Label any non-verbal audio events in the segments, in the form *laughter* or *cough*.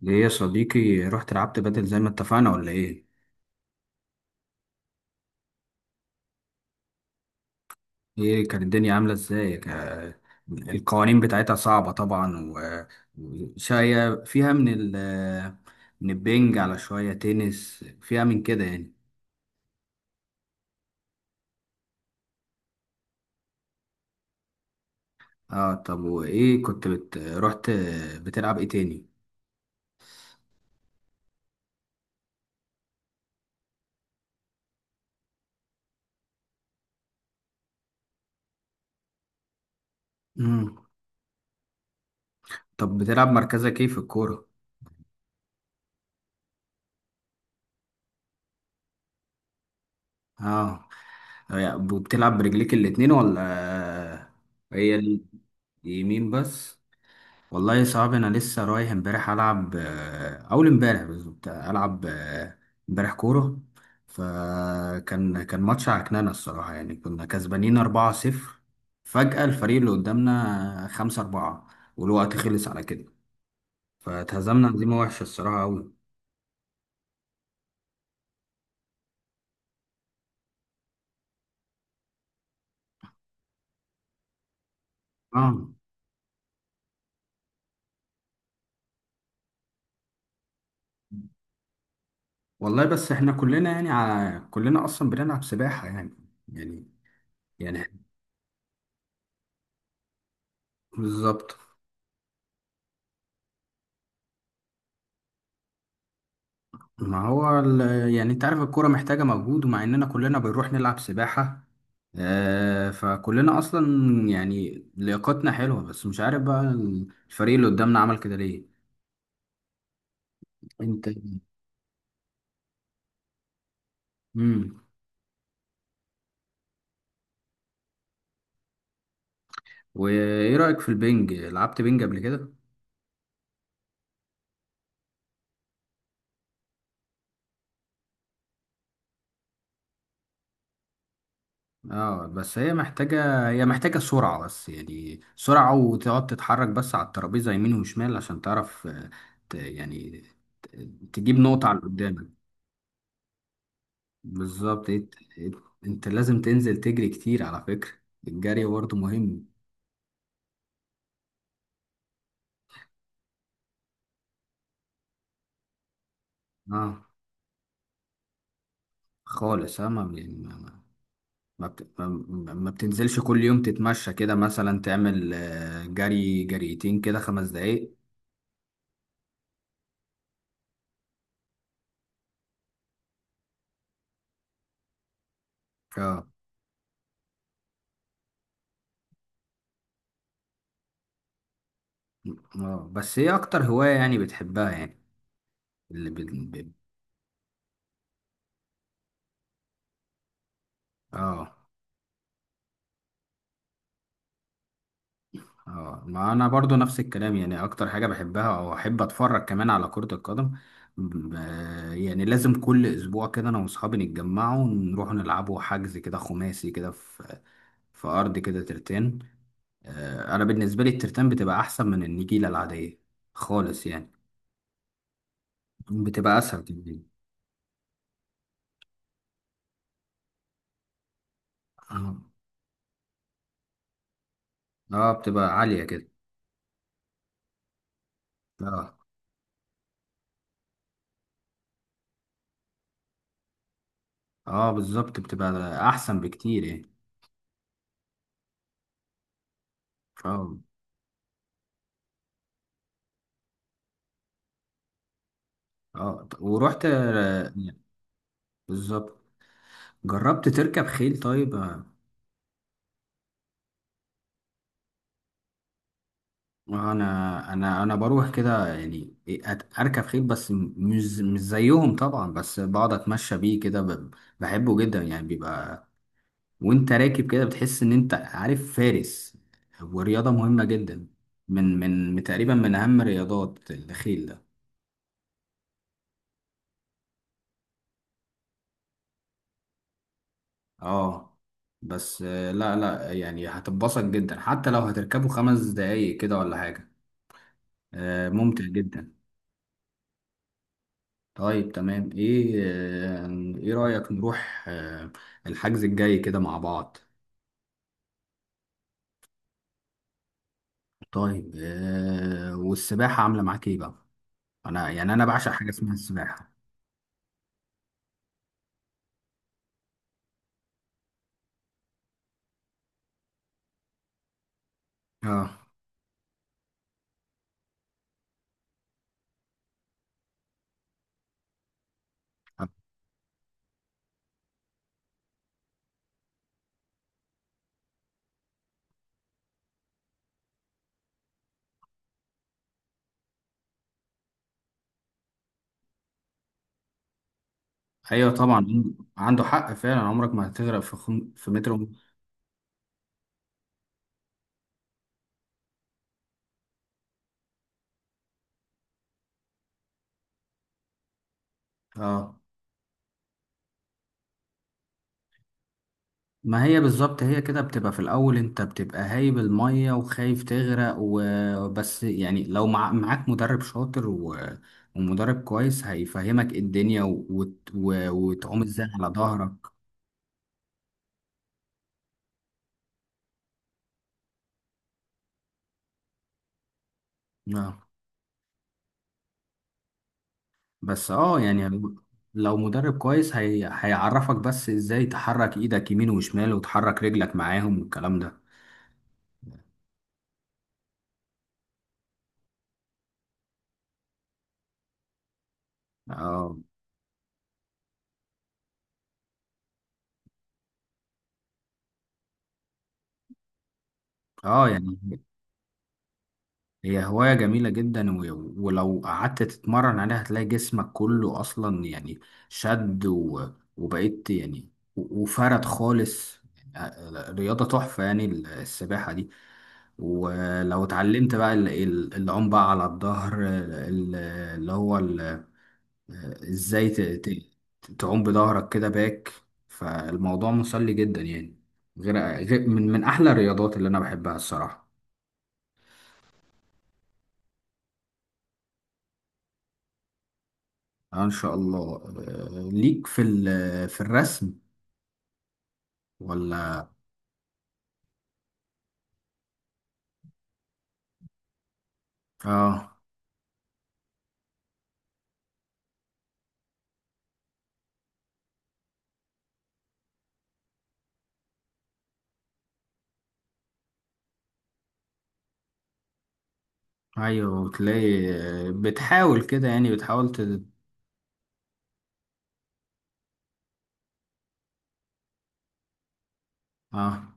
ليه يا صديقي رحت لعبت بدل زي ما اتفقنا ولا ايه؟ ايه كانت الدنيا عاملة ازاي؟ القوانين بتاعتها صعبة طبعا، وشوية فيها من البنج على شوية تنس فيها من كده يعني. اه. طب وايه كنت بت... رحت بتلعب ايه تاني؟ مم. طب بتلعب مركزك ايه في الكورة؟ اه. بتلعب برجليك الاتنين ولا هي اليمين بس؟ والله صعب. انا لسه رايح امبارح العب اول امبارح بالظبط العب امبارح كوره، فكان ماتش عكنانه الصراحه يعني. كنا كسبانين 4-0، فجأة الفريق اللي قدامنا 5-4 والوقت خلص على كده، فاتهزمنا هزيمه وحشه الصراحه قوي. اه، والله بس احنا كلنا يعني كلنا اصلا بنلعب سباحه يعني. يعني يعني. بالظبط. ما هو ال- يعني انت عارف الكورة محتاجة مجهود، ومع اننا كلنا بنروح نلعب سباحة فكلنا اصلا يعني لياقتنا حلوة، بس مش عارف بقى الفريق اللي قدامنا عمل كده ليه. انت. امم. وايه رأيك في البنج؟ لعبت بنج قبل كده؟ اه، بس هي محتاجة، هي محتاجة سرعة. بس يعني سرعة، وتقعد تتحرك بس على الترابيزة يمين وشمال عشان تعرف ت- يعني ت- تجيب نقطة على اللي قدامك. بالظبط. انت لازم تنزل تجري كتير على فكرة. الجري برضه مهم. اه خالص. اه ما يعني ما ما ما بتنزلش كل يوم تتمشى كده مثلا، تعمل جري جريتين كده 5 دقايق؟ اه. اه، بس ايه اكتر هواية يعني بتحبها يعني؟ اللي بال... بال- اه. اه، ما انا برضو نفس الكلام. يعني اكتر حاجة بحبها او احب اتفرج كمان على كرة القدم. ب- يعني لازم كل اسبوع كده انا واصحابي نتجمعوا ونروح نلعبوا حجز كده خماسي كده في في ارض كده ترتان. انا بالنسبة لي الترتان بتبقى احسن من النجيلة العادية خالص يعني. بتبقى اسهل كمان. اه. بتبقى عالية كده. اه، اه بالظبط، بتبقى احسن بكتير يعني. اه، اه ورحت بالظبط. جربت تركب خيل طيب انا بروح كده يعني، اركب خيل بس مش زيهم طبعا. بس بقعد اتمشى بيه كده، بحبه جدا يعني. بيبقى وانت راكب كده بتحس ان انت عارف فارس. ورياضة مهمة جدا، تقريبا من اهم رياضات الخيل ده. اه بس لا لا يعني، هتتبسط جدا حتى لو هتركبه 5 دقايق كده ولا حاجة. ممتع جدا. طيب تمام. آه، ايه رأيك نروح الحجز الجاي كده مع بعض؟ طيب والسباحة عاملة معاك ايه بقى؟ انا يعني انا بعشق حاجة اسمها السباحة. اه، ايوه طبعا. عنده حق فعلا، عمرك ما هتغرق في في متر ونص. اه. ما هي بالظبط، هي كده بتبقى في الأول. أنت بتبقى هايب المية وخايف تغرق وبس. يعني لو معاك مدرب شاطر ومدرب كويس هيفهمك إيه الدنيا وتعوم ازاي على ظهرك. آه. بس اه يعني لو مدرب كويس هيعرفك بس ازاي تحرك ايدك يمين وشمال وتحرك رجلك معاهم والكلام ده. اه، اه يعني هي هواية جميلة جدا، ولو قعدت تتمرن عليها هتلاقي جسمك كله أصلا يعني شد وبقيت يعني وفرد خالص يعني. رياضة تحفة يعني السباحة دي. ولو اتعلمت بقى العوم بقى على الظهر، اللي هو آه، ازاي ت- تعوم بظهرك كده باك، فالموضوع مسلي جدا يعني. غير، من أحلى الرياضات اللي أنا بحبها الصراحة. آه ان شاء الله. ليك في في الرسم ولا؟ اه، ايوه تلاقي بتحاول كده يعني، اه.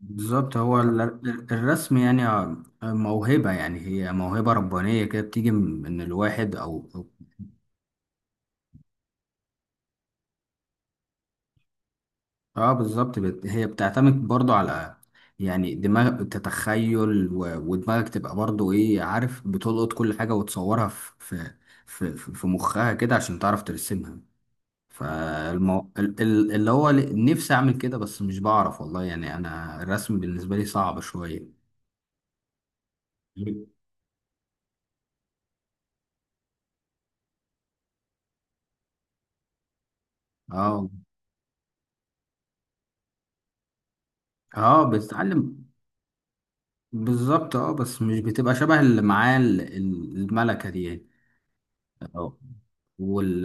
بالظبط. هو الرسم يعني موهبة. يعني هي موهبة ربانية كده، بتيجي من الواحد او. اه بالظبط، هي بتعتمد برضو على يعني دماغ تتخيل، و... ودماغك تبقى برضو ايه، عارف، بتلقط كل حاجة وتصورها في مخها كده عشان تعرف ترسمها. فالمو... ال- ال- اللي هو ل- نفسي اعمل كده بس مش بعرف، والله يعني انا الرسم بالنسبه لي صعب شويه. اه، اه بتتعلم. بالظبط. اه بس مش بتبقى شبه اللي معاه الملكه دي يعني؟ اه. وال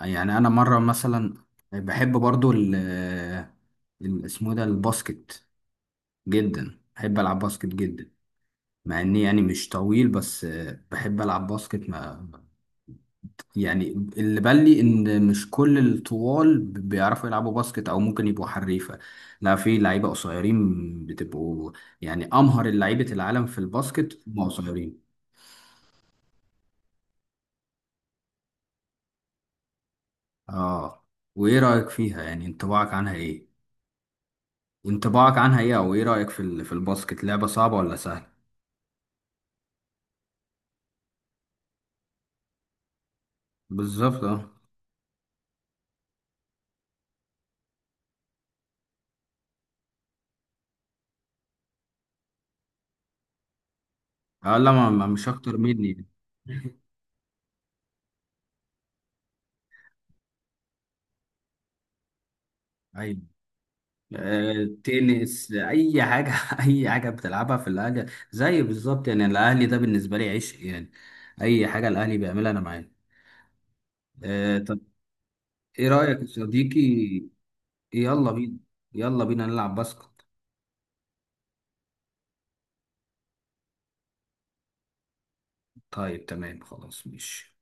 يعني انا مره مثلا بحب برضو اسمه إيه ده؟ الباسكت، جدا بحب العب باسكت جدا مع اني يعني مش طويل. بس بحب العب باسكت يعني. اللي بان لي ان مش كل الطوال بيعرفوا يلعبوا باسكت او ممكن يبقوا حريفه. لا، في لعيبه قصيرين بتبقوا يعني امهر لعيبه العالم في الباسكت هم قصيرين. اه. وايه رايك فيها يعني؟ انطباعك عنها ايه؟ انطباعك عنها ايه، او ايه رايك في في الباسكت؟ لعبه صعبه ولا سهله؟ بالظبط اه. لا، مش اكتر مني. *laughs* ايوه. تنس، اي حاجه. *laughs* اي حاجه بتلعبها في الاهلي، زي بالظبط. يعني الاهلي ده بالنسبه لي عشق يعني. اي حاجه الاهلي بيعملها انا معاه. طب ايه رايك يا صديقي؟ يلا بينا، يلا بينا نلعب باسكت. طيب تمام، خلاص ماشي.